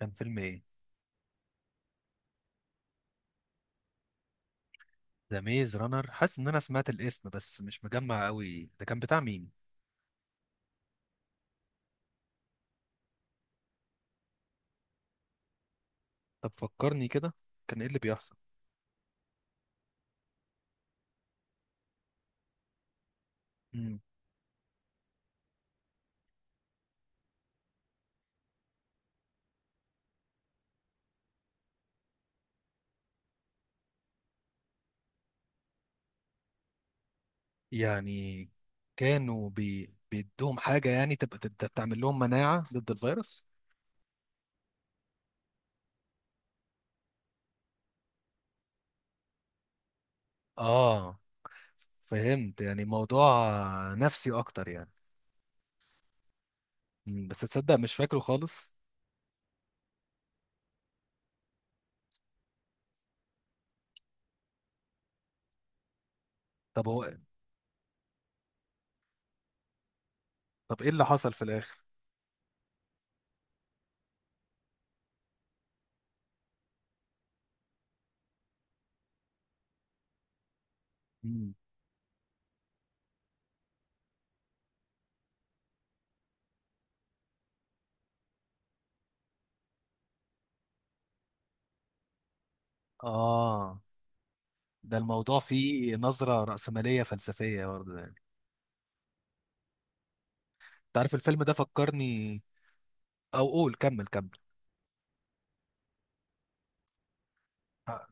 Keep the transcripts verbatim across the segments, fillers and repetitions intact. كان فيلم ايه؟ ذا ميز رانر. حاسس ان انا سمعت الاسم بس مش مجمع قوي، ده كان بتاع مين؟ طب فكرني كده، كان ايه اللي بيحصل؟ مم. يعني كانوا بي... بيدوهم حاجة يعني تبقى تت- تعمل لهم مناعة ضد الفيروس. اه فهمت، يعني موضوع نفسي اكتر يعني. مم. بس تصدق مش فاكره خالص. طب هو طب ايه اللي حصل في الاخر؟ مم. اه، ده الموضوع فيه نظرة رأسمالية فلسفية برضه يعني. تعرف الفيلم ده فكرني، او قول كمل كمل. آه،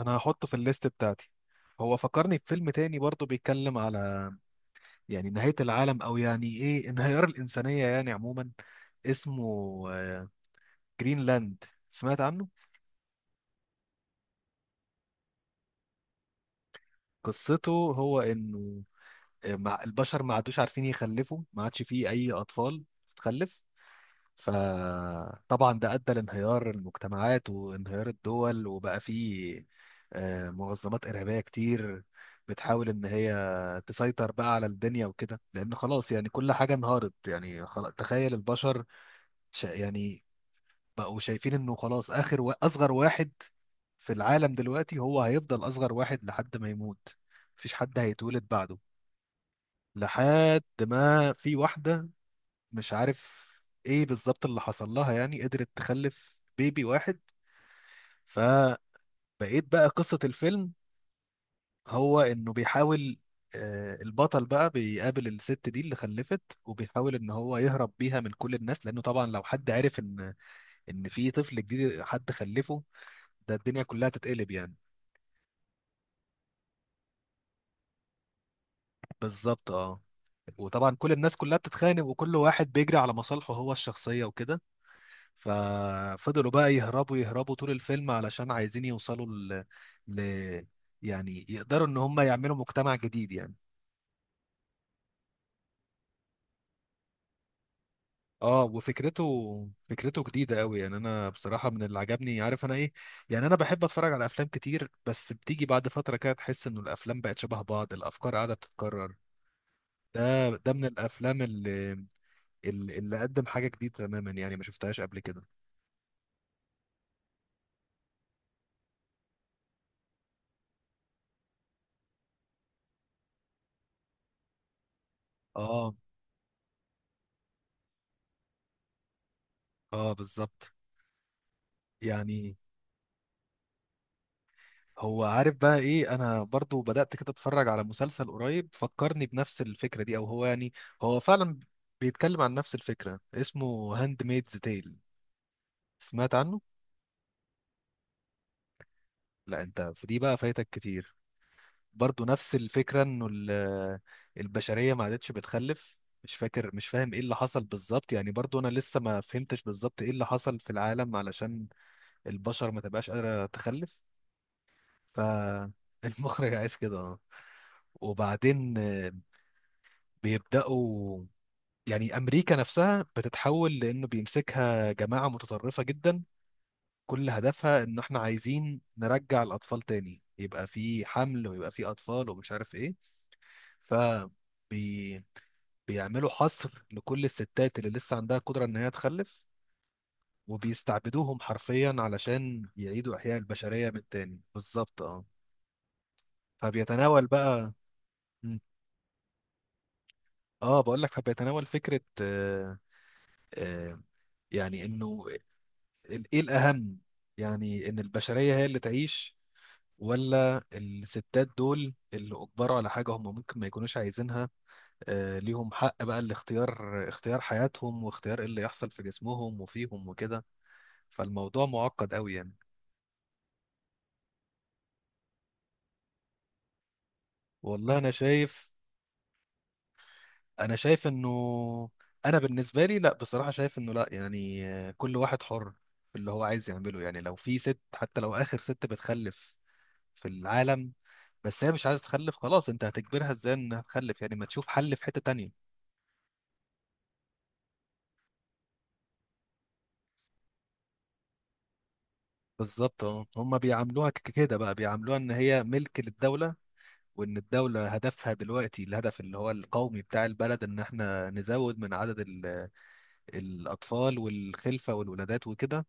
انا هحطه في الليست بتاعتي. هو فكرني بفيلم تاني برضه بيتكلم على يعني نهاية العالم او يعني ايه انهيار الانسانية يعني عموما. اسمه آه، جرينلاند. سمعت عنه؟ قصته هو انه آه، مع البشر ما عادوش عارفين يخلفوا، ما عادش فيه اي اطفال تخلف. فطبعا ده أدى لانهيار المجتمعات وانهيار الدول، وبقى فيه آه، منظمات إرهابية كتير بتحاول إن هي تسيطر بقى على الدنيا وكده، لأن خلاص يعني كل حاجة انهارت. يعني خلاص، تخيل البشر شا يعني بقوا شايفين إنه خلاص آخر و... أصغر واحد في العالم دلوقتي هو هيفضل أصغر واحد لحد ما يموت، مفيش حد هيتولد بعده. لحد ما في واحدة، مش عارف ايه بالظبط اللي حصل لها، يعني قدرت تخلف بيبي واحد. فبقيت، بقى قصة الفيلم هو انه بيحاول آه، البطل بقى بيقابل الست دي اللي خلفت وبيحاول ان هو يهرب بيها من كل الناس، لانه طبعا لو حد عرف ان ان في طفل جديد حد خلفه، ده الدنيا كلها تتقلب يعني. بالظبط اه. وطبعا كل الناس كلها بتتخانق وكل واحد بيجري على مصالحه هو الشخصية وكده. ففضلوا بقى يهربوا يهربوا طول الفيلم، علشان عايزين يوصلوا ل... ل... يعني يقدروا ان هم يعملوا مجتمع جديد يعني. اه، وفكرته فكرته جديدة قوي. يعني انا بصراحة من اللي عجبني عارف انا ايه، يعني انا بحب اتفرج على افلام كتير بس بتيجي بعد فترة كده تحس انه الافلام بقت شبه بعض، الافكار قاعدة بتتكرر. ده ده من الافلام اللي اللي اللي قدم حاجة جديدة تماما، يعني ما شفتهاش قبل كده. اه اه بالظبط. يعني هو عارف بقى ايه، انا برضو بدأت كده اتفرج على مسلسل قريب فكرني بنفس الفكرة دي، او هو يعني هو فعلا بيتكلم عن نفس الفكرة. اسمه هاند ميدز تيل، سمعت عنه؟ لا انت في دي بقى فايتك كتير. برضو نفس الفكرة، انه ال- البشرية ما عادتش بتخلف. مش فاكر، مش فاهم ايه اللي حصل بالظبط، يعني برضو انا لسه ما فهمتش بالظبط ايه اللي حصل في العالم علشان البشر ما تبقاش قادرة تخلف. فالمخرج عايز كده اه. وبعدين بيبداوا يعني امريكا نفسها بتتحول، لانه بيمسكها جماعه متطرفه جدا كل هدفها ان احنا عايزين نرجع الاطفال تاني، يبقى في حمل ويبقى في اطفال ومش عارف ايه. ف بي- بيعملوا حصر لكل الستات اللي لسه عندها قدرة إن هي تخلف، وبيستعبدوهم حرفيا علشان يعيدوا إحياء البشرية من تاني. بالظبط اه. فبيتناول بقى. مم. اه بقول لك، فبيتناول فكرة آه، آه يعني إنه ال- ايه الاهم، يعني ان البشريه هي اللي تعيش، ولا الستات دول اللي اجبروا على حاجه هم ممكن ما يكونوش عايزينها. آه ليهم حق بقى الاختيار، اختيار حياتهم واختيار ايه اللي يحصل في جسمهم وفيهم وكده. فالموضوع معقد قوي يعني. والله انا شايف، انا شايف انه انا بالنسبه لي لا بصراحه، شايف انه لا يعني آه، كل واحد حر في اللي هو عايز يعمله. يعني لو في ست حتى لو اخر ست بتخلف في العالم، بس هي مش عايزه تخلف خلاص، انت هتجبرها ازاي انها تخلف؟ يعني ما تشوف حل في حته تانية. بالظبط اه. هم بيعاملوها ك- كده بقى، بيعاملوها ان هي ملك للدوله، وان الدوله هدفها دلوقتي الهدف اللي هو القومي بتاع البلد ان احنا نزود من عدد ال- الاطفال والخلفه والولادات وكده.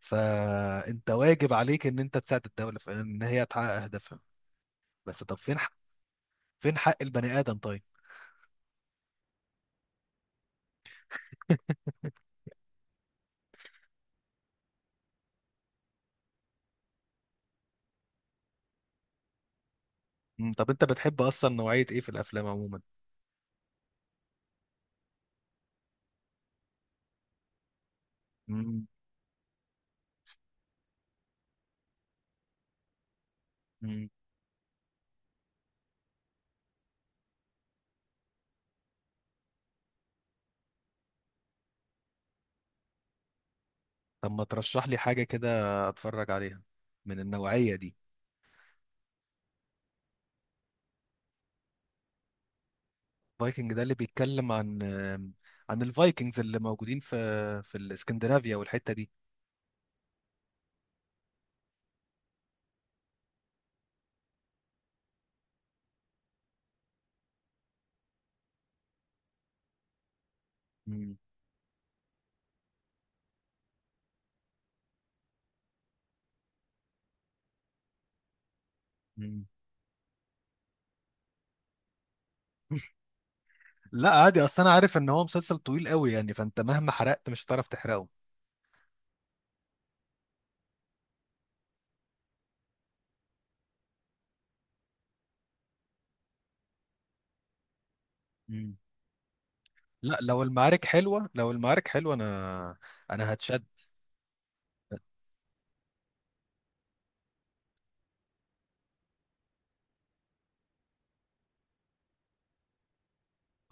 فانت واجب عليك ان انت تساعد الدوله في ان هي تحقق اهدافها. بس طب فين حق فين حق البني ادم طيب؟ مم، طب انت بتحب اصلا نوعيه ايه في الافلام عموما؟ مم. طب ما ترشح لي حاجة كده اتفرج عليها من النوعية دي. فايكنج ده اللي بيتكلم عن، عن الفايكنجز اللي موجودين في، في الاسكندنافيا والحتة دي؟ مم. مم. لا عادي، اصل انا عارف ان هو مسلسل طويل قوي يعني، فانت مهما حرقت مش هتعرف تحرقه. مم. لا لو المعارك حلوة، لو المعارك حلوة انا، انا هتشد.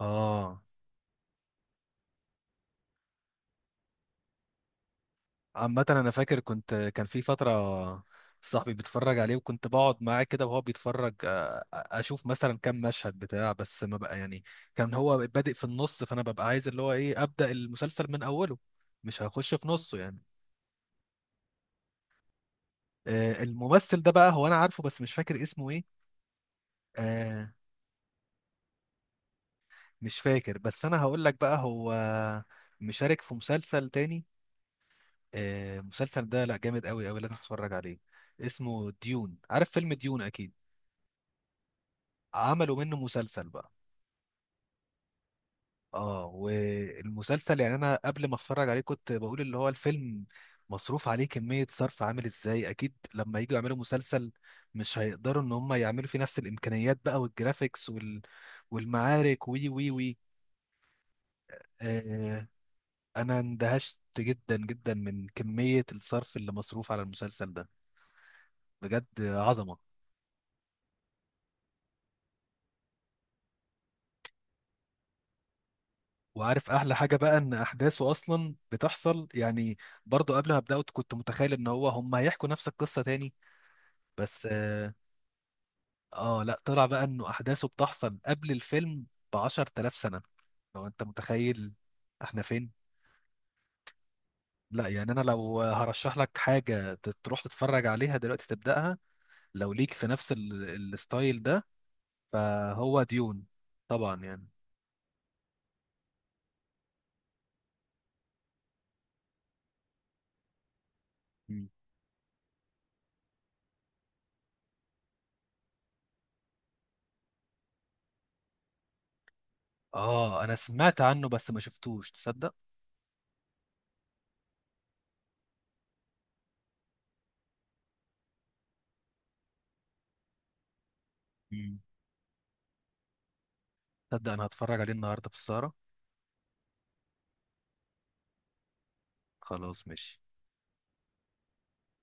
اه عامة أنا فاكر، كنت كان في فترة صاحبي بيتفرج عليه وكنت بقعد معاه كده وهو بيتفرج، آه، أ- أشوف مثلا كام مشهد بتاع بس، ما بقى يعني كان هو بادئ في النص، فأنا ببقى عايز اللي هو إيه أبدأ المسلسل من أوله، مش هخش في نصه يعني. آه، الممثل ده بقى هو أنا عارفه بس مش فاكر اسمه إيه. آه، مش فاكر، بس أنا هقول لك بقى هو مشارك في مسلسل تاني. آه، المسلسل ده لأ جامد أوي أوي، لازم تتفرج عليه. اسمه ديون، عارف فيلم ديون أكيد. عملوا منه مسلسل بقى. اه، والمسلسل يعني انا قبل ما اتفرج عليه كنت بقول اللي هو الفيلم مصروف عليه كمية صرف عامل ازاي، اكيد لما يجوا يعملوا مسلسل مش هيقدروا ان هم يعملوا فيه نفس الامكانيات بقى، والجرافيكس وال... والمعارك وي وي وي. آه انا اندهشت جدا جدا من كمية الصرف اللي مصروف على المسلسل ده، بجد عظمة. وعارف احلى حاجة بقى، ان احداثه اصلا بتحصل يعني، برضو قبل ما ابدأه كنت متخيل ان هو هم هيحكوا نفس القصة تاني بس اه، آه، لا طلع بقى انه احداثه بتحصل قبل الفيلم ب عشرة آلاف سنة، لو انت متخيل احنا فين. لا يعني انا لو هرشح لك حاجة ت- تروح تتفرج عليها دلوقتي تبدأها لو ليك في نفس ال- ال- الستايل ده، فهو ديون طبعا يعني. مم. اه انا سمعت عنه بس ما شفتوش تصدق. مم. تصدق انا هتفرج عليه النهارده في السهرة. خلاص ماشي.